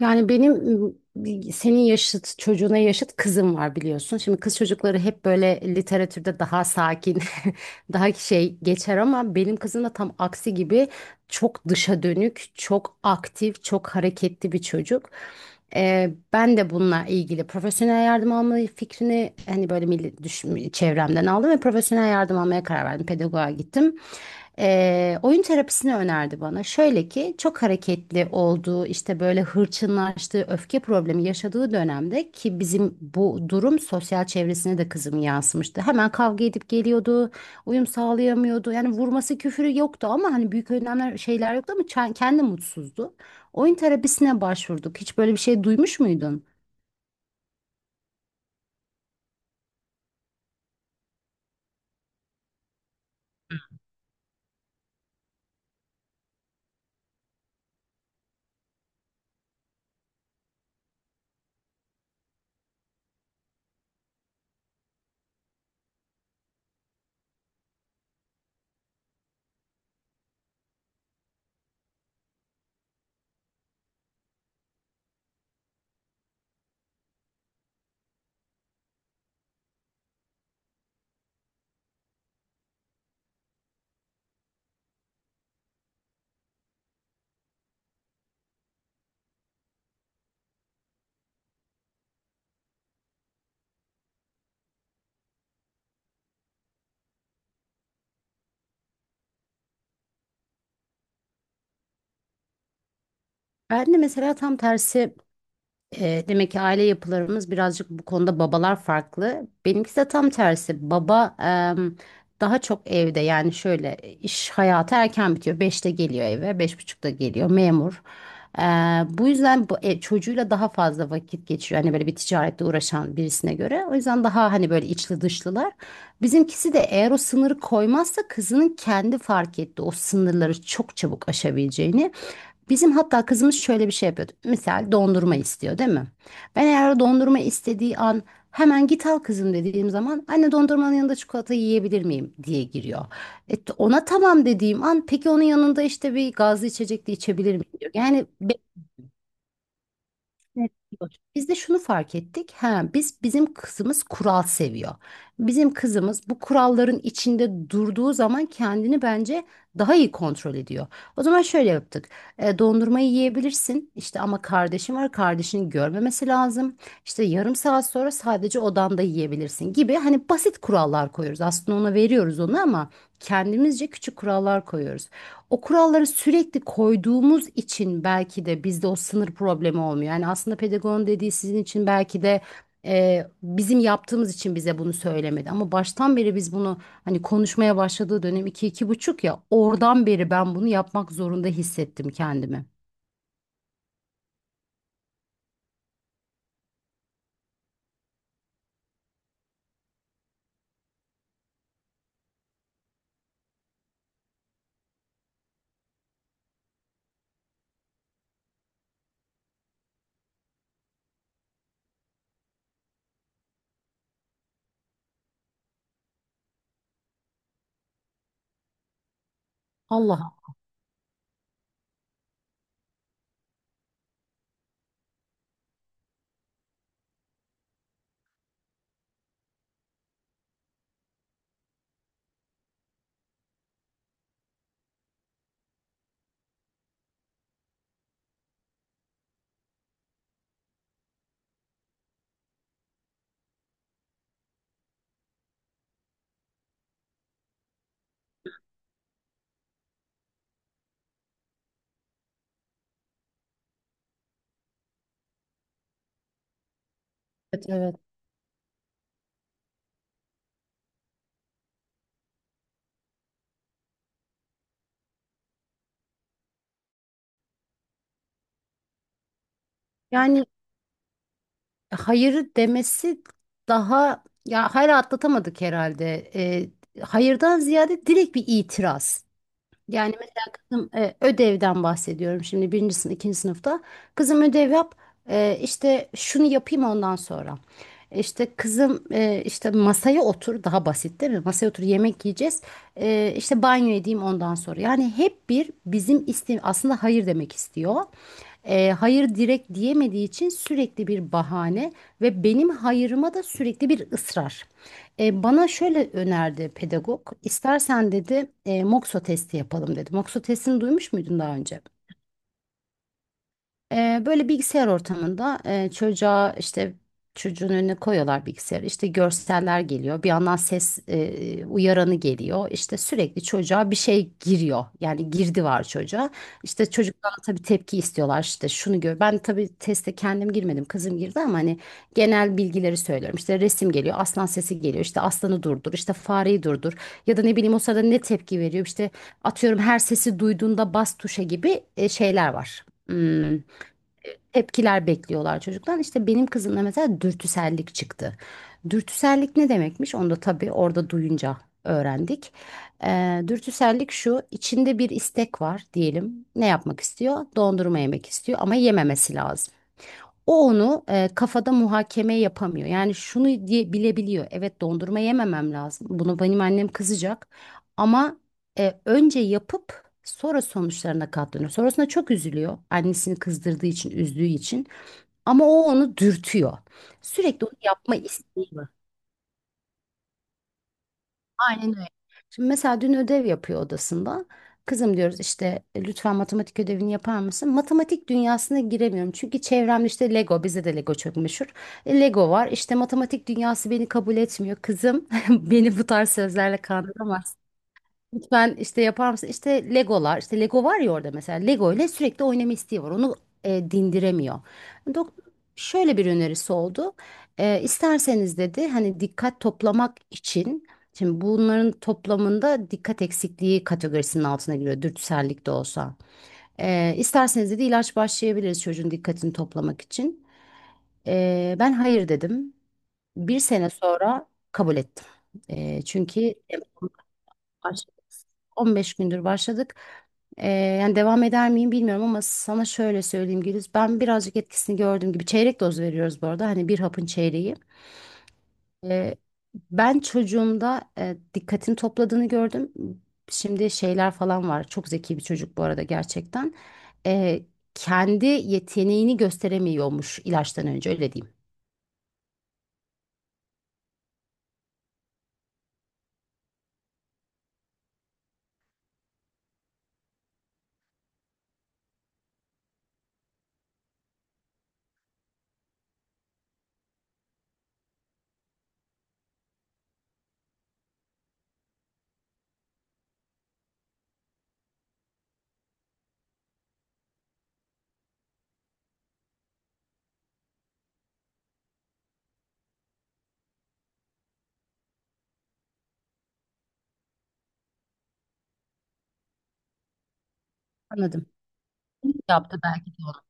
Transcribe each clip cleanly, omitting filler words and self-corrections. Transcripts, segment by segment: Yani benim senin yaşıt çocuğuna yaşıt kızım var biliyorsun. Şimdi kız çocukları hep böyle literatürde daha sakin, daha şey geçer ama benim kızım da tam aksi gibi çok dışa dönük, çok aktif, çok hareketli bir çocuk. Ben de bununla ilgili profesyonel yardım alma fikrini hani böyle milli, çevremden aldım ve profesyonel yardım almaya karar verdim. Pedagoğa gittim. Oyun terapisini önerdi bana. Şöyle ki çok hareketli olduğu işte böyle hırçınlaştığı öfke problemi yaşadığı dönemde ki bizim bu durum sosyal çevresine de kızım yansımıştı. Hemen kavga edip geliyordu, uyum sağlayamıyordu. Yani vurması küfürü yoktu ama hani büyük önlemler şeyler yoktu ama kendi mutsuzdu. Oyun terapisine başvurduk. Hiç böyle bir şey duymuş muydun? Ben de mesela tam tersi. Demek ki aile yapılarımız birazcık bu konuda babalar farklı. Benimkisi de tam tersi. Baba daha çok evde yani şöyle iş hayatı erken bitiyor. Beşte geliyor eve, beş buçukta geliyor memur. E, Bu yüzden çocuğuyla daha fazla vakit geçiriyor. Hani böyle bir ticarette uğraşan birisine göre. O yüzden daha hani böyle içli dışlılar. Bizimkisi de eğer o sınırı koymazsa kızının kendi fark etti o sınırları çok çabuk aşabileceğini. Bizim hatta kızımız şöyle bir şey yapıyordu. Misal dondurma istiyor değil mi? Ben eğer o dondurma istediği an hemen git al kızım dediğim zaman anne dondurmanın yanında çikolata yiyebilir miyim diye giriyor. E, ona tamam dediğim an peki onun yanında işte bir gazlı içecek de içebilir miyim diyor. Yani Evet, diyor. Biz de şunu fark ettik. Ha, biz bizim kızımız kural seviyor. Bizim kızımız bu kuralların içinde durduğu zaman kendini bence daha iyi kontrol ediyor. O zaman şöyle yaptık. E, dondurmayı yiyebilirsin. İşte ama kardeşim var. Kardeşini görmemesi lazım. İşte yarım saat sonra sadece odanda yiyebilirsin gibi hani basit kurallar koyuyoruz. Aslında ona veriyoruz onu ama kendimizce küçük kurallar koyuyoruz o kuralları sürekli koyduğumuz için belki de bizde o sınır problemi olmuyor. Yani aslında pedagogun dediği sizin için belki de bizim yaptığımız için bize bunu söylemedi. Ama baştan beri biz bunu hani konuşmaya başladığı dönem iki iki buçuk ya oradan beri ben bunu yapmak zorunda hissettim kendimi. Allah. Evet, evet. Yani hayırı demesi daha ya hayır atlatamadık herhalde. Hayırdan ziyade direkt bir itiraz. Yani mesela kızım ödevden bahsediyorum şimdi birinci sınıf, ikinci sınıfta. Kızım ödev yap işte şunu yapayım ondan sonra. İşte kızım işte masaya otur daha basit değil mi? Masaya otur yemek yiyeceğiz. İşte banyo edeyim ondan sonra. Yani hep bir bizim iste aslında hayır demek istiyor hayır direkt diyemediği için sürekli bir bahane ve benim hayırıma da sürekli bir ısrar. Bana şöyle önerdi pedagog. İstersen dedi Mokso testi yapalım dedi. Mokso testini duymuş muydun daha önce? Böyle bilgisayar ortamında çocuğa işte çocuğun önüne koyuyorlar bilgisayarı. İşte görseller geliyor. Bir yandan ses uyaranı geliyor. İşte sürekli çocuğa bir şey giriyor. Yani girdi var çocuğa. İşte çocuktan tabii tepki istiyorlar. İşte şunu gör. Ben tabii teste kendim girmedim. Kızım girdi ama hani genel bilgileri söylüyorum. İşte resim geliyor. Aslan sesi geliyor. İşte aslanı durdur. İşte fareyi durdur. Ya da ne bileyim o sırada ne tepki veriyor. İşte atıyorum her sesi duyduğunda bas tuşa gibi şeyler var. Tepkiler bekliyorlar çocuktan. İşte benim kızımda mesela dürtüsellik çıktı. Dürtüsellik ne demekmiş? Onu da tabii orada duyunca öğrendik. Dürtüsellik şu, içinde bir istek var diyelim. Ne yapmak istiyor? Dondurma yemek istiyor ama yememesi lazım. O onu kafada muhakeme yapamıyor. Yani şunu diye bilebiliyor. Evet dondurma yememem lazım. Bunu benim annem kızacak. Ama önce yapıp sonra sonuçlarına katlanıyor. Sonrasında çok üzülüyor. Annesini kızdırdığı için, üzdüğü için. Ama o onu dürtüyor. Sürekli onu yapma isteği var. Aynen öyle. Şimdi mesela dün ödev yapıyor odasında. Kızım diyoruz işte lütfen matematik ödevini yapar mısın? Matematik dünyasına giremiyorum. Çünkü çevremde işte Lego, bize de Lego çok meşhur. Lego var. İşte matematik dünyası beni kabul etmiyor. Kızım beni bu tarz sözlerle kandıramazsın. Lütfen işte yapar mısın? İşte Legolar, işte Lego var ya orada mesela. Lego ile sürekli oynama isteği var. Onu dindiremiyor. Doktor şöyle bir önerisi oldu. İsterseniz dedi hani dikkat toplamak için şimdi bunların toplamında dikkat eksikliği kategorisinin altına giriyor dürtüsellik de olsa. İsterseniz dedi ilaç başlayabiliriz çocuğun dikkatini toplamak için. Ben hayır dedim. Bir sene sonra kabul ettim. Çünkü başladık. 15 gündür başladık. Yani devam eder miyim bilmiyorum ama sana şöyle söyleyeyim Güliz. Ben birazcık etkisini gördüğüm gibi çeyrek doz veriyoruz bu arada. Hani bir hapın çeyreği. Ee, Ben çocuğumda dikkatini topladığını gördüm. Şimdi şeyler falan var. Çok zeki bir çocuk bu arada gerçekten. Ee, Kendi yeteneğini gösteremiyormuş ilaçtan önce öyle diyeyim. Anladım. Yaptı belki de onu.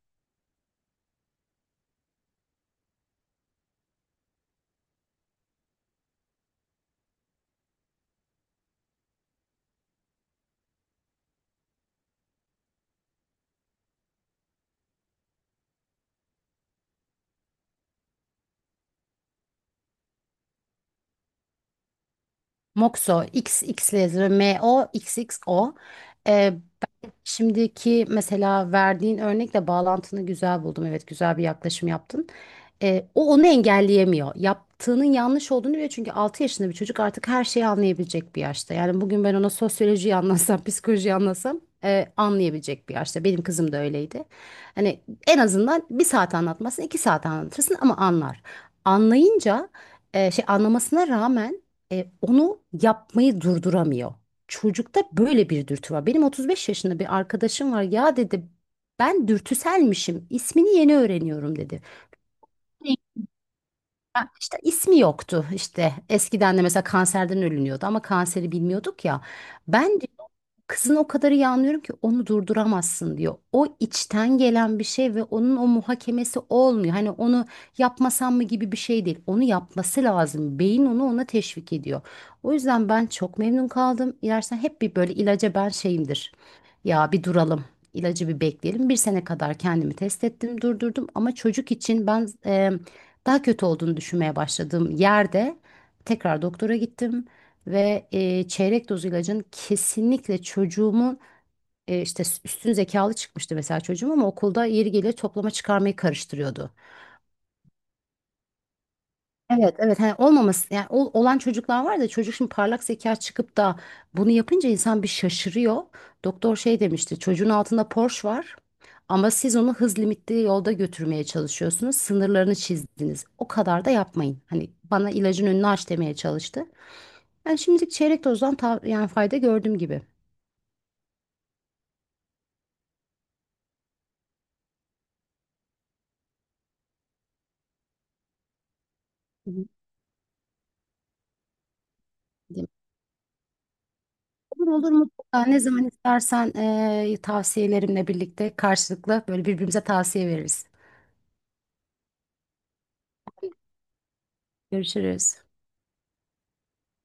Moxo, XX yazıyor. Moxxo. Şimdiki mesela verdiğin örnekle bağlantını güzel buldum. Evet, güzel bir yaklaşım yaptın. O onu engelleyemiyor. Yaptığının yanlış olduğunu biliyor. Çünkü 6 yaşında bir çocuk artık her şeyi anlayabilecek bir yaşta. Yani bugün ben ona sosyolojiyi anlatsam, psikolojiyi anlatsam anlayabilecek bir yaşta. Benim kızım da öyleydi. Hani en azından bir saat anlatmasın, iki saat anlatırsın ama anlar. Anlayınca şey anlamasına rağmen onu yapmayı durduramıyor. Çocukta böyle bir dürtü var. Benim 35 yaşında bir arkadaşım var. Ya dedi ben dürtüselmişim. İsmini yeni öğreniyorum dedi mesela ismi yoktu işte. Eskiden de mesela kanserden ölünüyordu ama kanseri bilmiyorduk ya. Ben diyor, kızın o kadar iyi anlıyorum ki onu durduramazsın diyor. O içten gelen bir şey ve onun o muhakemesi olmuyor. Hani onu yapmasam mı gibi bir şey değil. Onu yapması lazım. Beyin onu ona teşvik ediyor. O yüzden ben çok memnun kaldım. İlersen hep bir böyle ilaca ben şeyimdir. Ya bir duralım. İlacı bir bekleyelim. Bir sene kadar kendimi test ettim, durdurdum. Ama çocuk için ben daha kötü olduğunu düşünmeye başladığım yerde tekrar doktora gittim ve çeyrek doz ilacın kesinlikle çocuğumun işte üstün zekalı çıkmıştı mesela çocuğum ama okulda yeri geliyor toplama çıkarmayı karıştırıyordu. Evet evet hani olmaması yani olan çocuklar var da çocuk şimdi parlak zeka çıkıp da bunu yapınca insan bir şaşırıyor. Doktor şey demişti çocuğun altında Porsche var ama siz onu hız limitli yolda götürmeye çalışıyorsunuz sınırlarını çizdiniz o kadar da yapmayın. Hani bana ilacın önünü aç demeye çalıştı. Ben şimdilik çeyrek dozdan yani fayda gördüm gibi. Hı hı. Olur olur mutlaka ne zaman istersen tavsiyelerimle birlikte karşılıklı böyle birbirimize tavsiye veririz. Görüşürüz.